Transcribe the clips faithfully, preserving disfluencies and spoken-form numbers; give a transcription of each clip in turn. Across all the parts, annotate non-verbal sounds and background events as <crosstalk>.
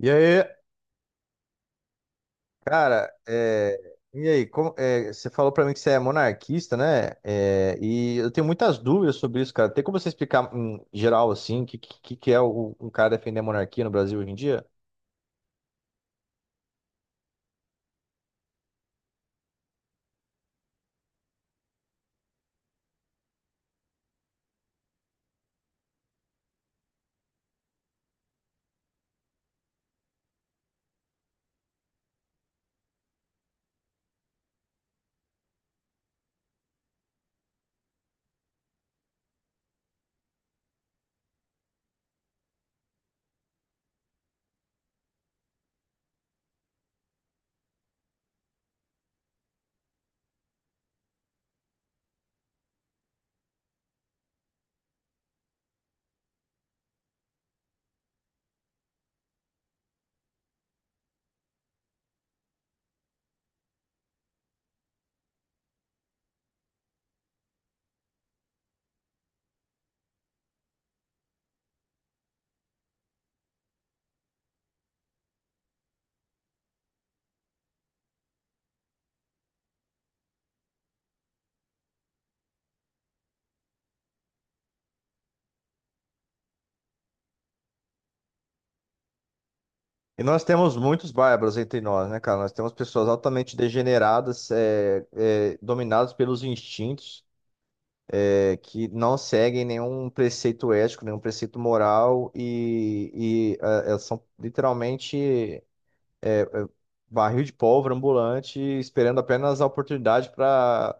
E aí, cara, é, e aí, como, é, você falou pra mim que você é monarquista, né? É, e eu tenho muitas dúvidas sobre isso, cara. Tem como você explicar em geral, assim, o que, que, que é o, um cara defender a monarquia no Brasil hoje em dia? E nós temos muitos bárbaros entre nós, né, cara? Nós temos pessoas altamente degeneradas, é, é, dominadas pelos instintos, é, que não seguem nenhum preceito ético, nenhum preceito moral, e, e ah, elas são literalmente, barril de pólvora ambulante, esperando apenas a oportunidade para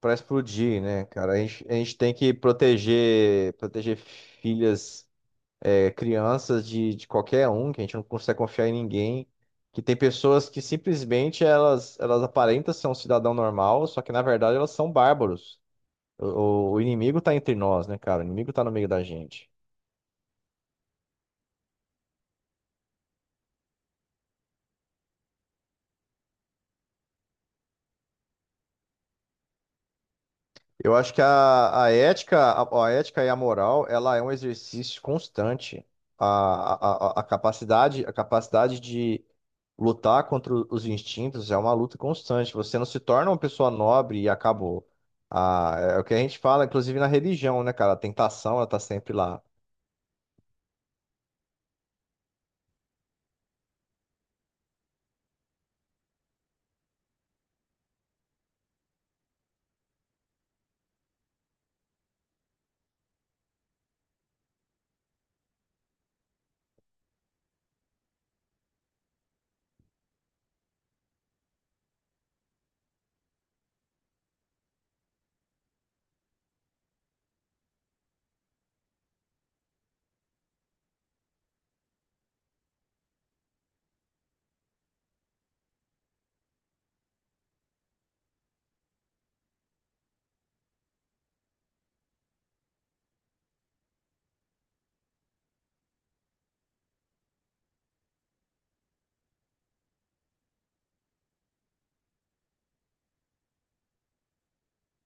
para explodir, né, cara? A gente, a gente tem que proteger proteger filhas, é, crianças de, de qualquer um, que a gente não consegue confiar em ninguém. Que tem pessoas que simplesmente elas, elas aparentam ser um cidadão normal, só que na verdade elas são bárbaros. O, o- o inimigo tá entre nós, né, cara? O inimigo tá no meio da gente. Eu acho que a, a ética, a, a ética e a moral, ela é um exercício constante. A, a, a a capacidade, a capacidade de lutar contra os instintos é uma luta constante. Você não se torna uma pessoa nobre e acabou. Ah, é o que a gente fala, inclusive na religião, né, cara? A tentação, ela tá sempre lá.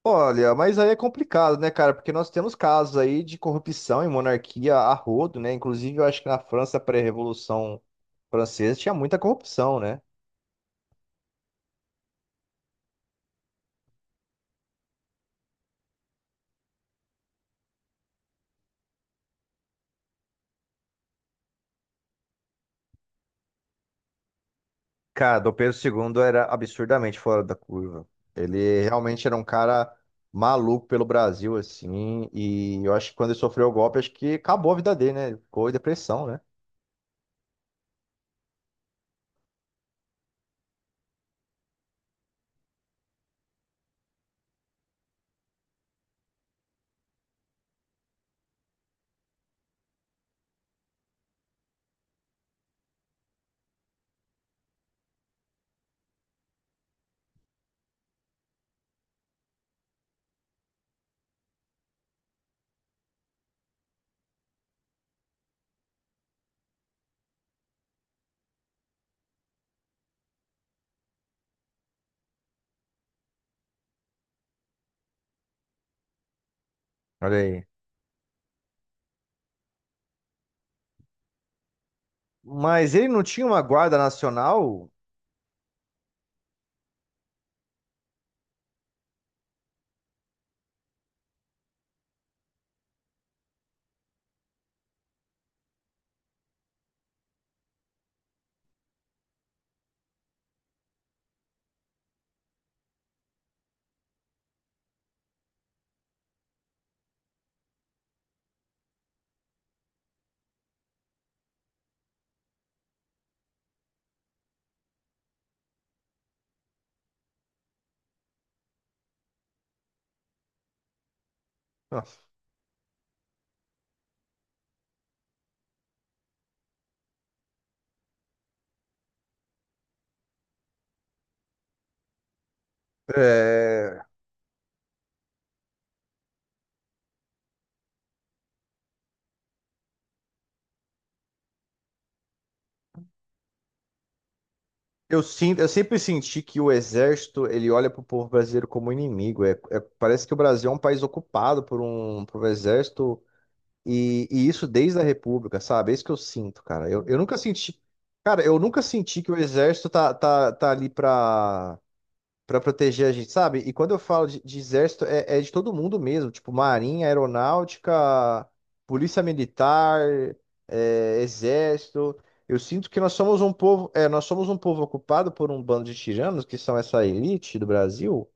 Olha, mas aí é complicado, né, cara? Porque nós temos casos aí de corrupção em monarquia a rodo, né? Inclusive, eu acho que na França pré-revolução francesa tinha muita corrupção, né? Cara, Dom Pedro segundo era absurdamente fora da curva. Ele realmente era um cara maluco pelo Brasil, assim. E eu acho que quando ele sofreu o golpe, acho que acabou a vida dele, né? Ele ficou em depressão, né? Olha aí. Mas ele não tinha uma guarda nacional? É, eu, sin- eu sempre senti que o exército, ele olha pro povo brasileiro como inimigo. É- é- parece que o Brasil é um país ocupado por um, por um exército. E, e isso desde a República, sabe? É isso que eu sinto, cara. Eu, eu nunca senti. Cara, eu nunca senti que o exército tá, tá, tá ali pra, pra proteger a gente, sabe? E quando eu falo de, de exército, é, é de todo mundo mesmo. Tipo, marinha, aeronáutica, polícia militar, é, exército. Eu sinto que nós somos um povo, é, nós somos um povo ocupado por um bando de tiranos, que são essa elite do Brasil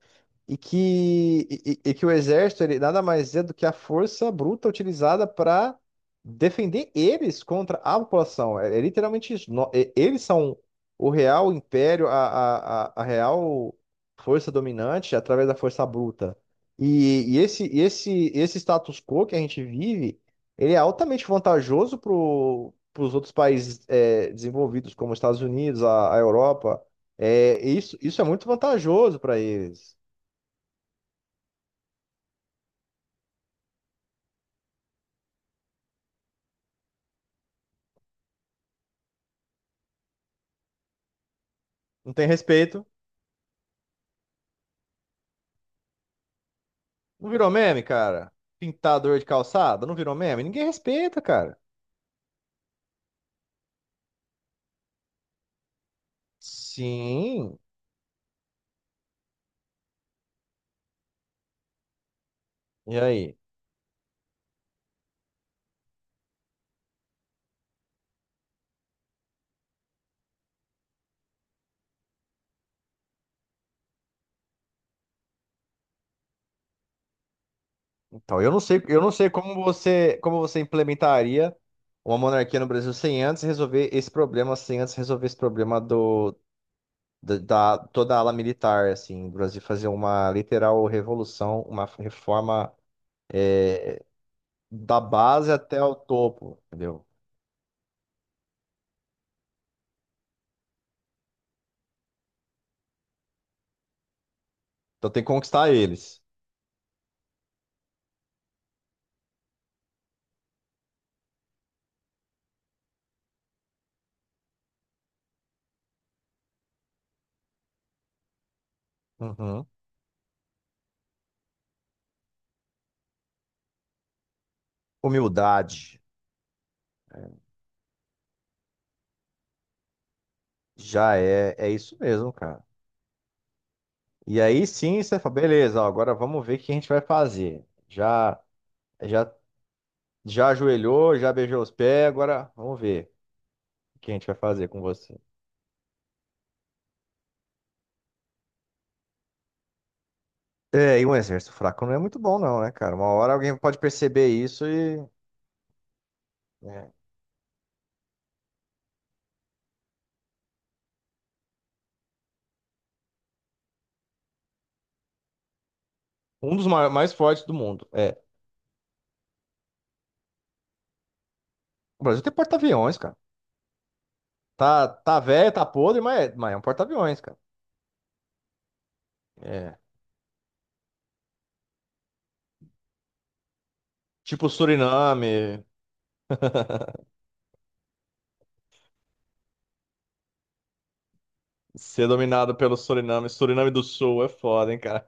e que, e, e- e que o exército ele nada mais é do que a força bruta utilizada para defender eles contra a população. É, é literalmente isso. No- e- eles são o real império, a, a, a, a real força dominante através da força bruta. E, e esse, e esse, esse status quo que a gente vive, ele é altamente vantajoso para os outros países é, desenvolvidos, como os Estados Unidos, a, a Europa. É, isso, isso é muito vantajoso para eles. Não tem respeito. Não virou meme, cara? Pintador de calçada, não virou meme? Ninguém respeita, cara. Sim. E aí? Então, eu não sei, eu não sei como você, como você implementaria uma monarquia no Brasil sem antes resolver esse problema, sem antes resolver esse problema do da, da- toda a ala militar, assim, do Brasil fazer uma literal revolução, uma reforma, é, da base até o topo, entendeu? Então tem que conquistar eles. Uhum. Humildade. Já é, é isso mesmo, cara. E aí sim, você fala, beleza, ó, agora vamos ver o que a gente vai fazer. Já, já, já ajoelhou, já beijou os pés, agora vamos ver o que a gente vai fazer com você. É, e um exército fraco não é muito bom, não, né, cara? Uma hora alguém pode perceber isso e. Né? Um dos mai- mais fortes do mundo. É. O Brasil tem porta-aviões, cara. Tá, tá velho, tá podre, mas é, mas é um porta-aviões, cara. É. Tipo Suriname. <laughs> Ser dominado pelo Suriname. Suriname do Sul é foda, hein, cara?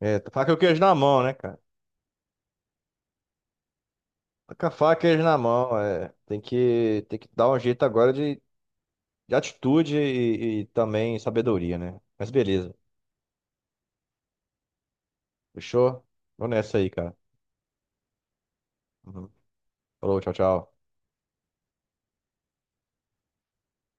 É, tá faca e o queijo na mão, né, cara? Tá com a faca e o queijo na mão, é. Tem que, tem que dar um jeito agora de, de atitude e, e também sabedoria, né? Mas beleza. Fechou? Vou nessa aí, cara. Uhum. Falou, tchau, tchau.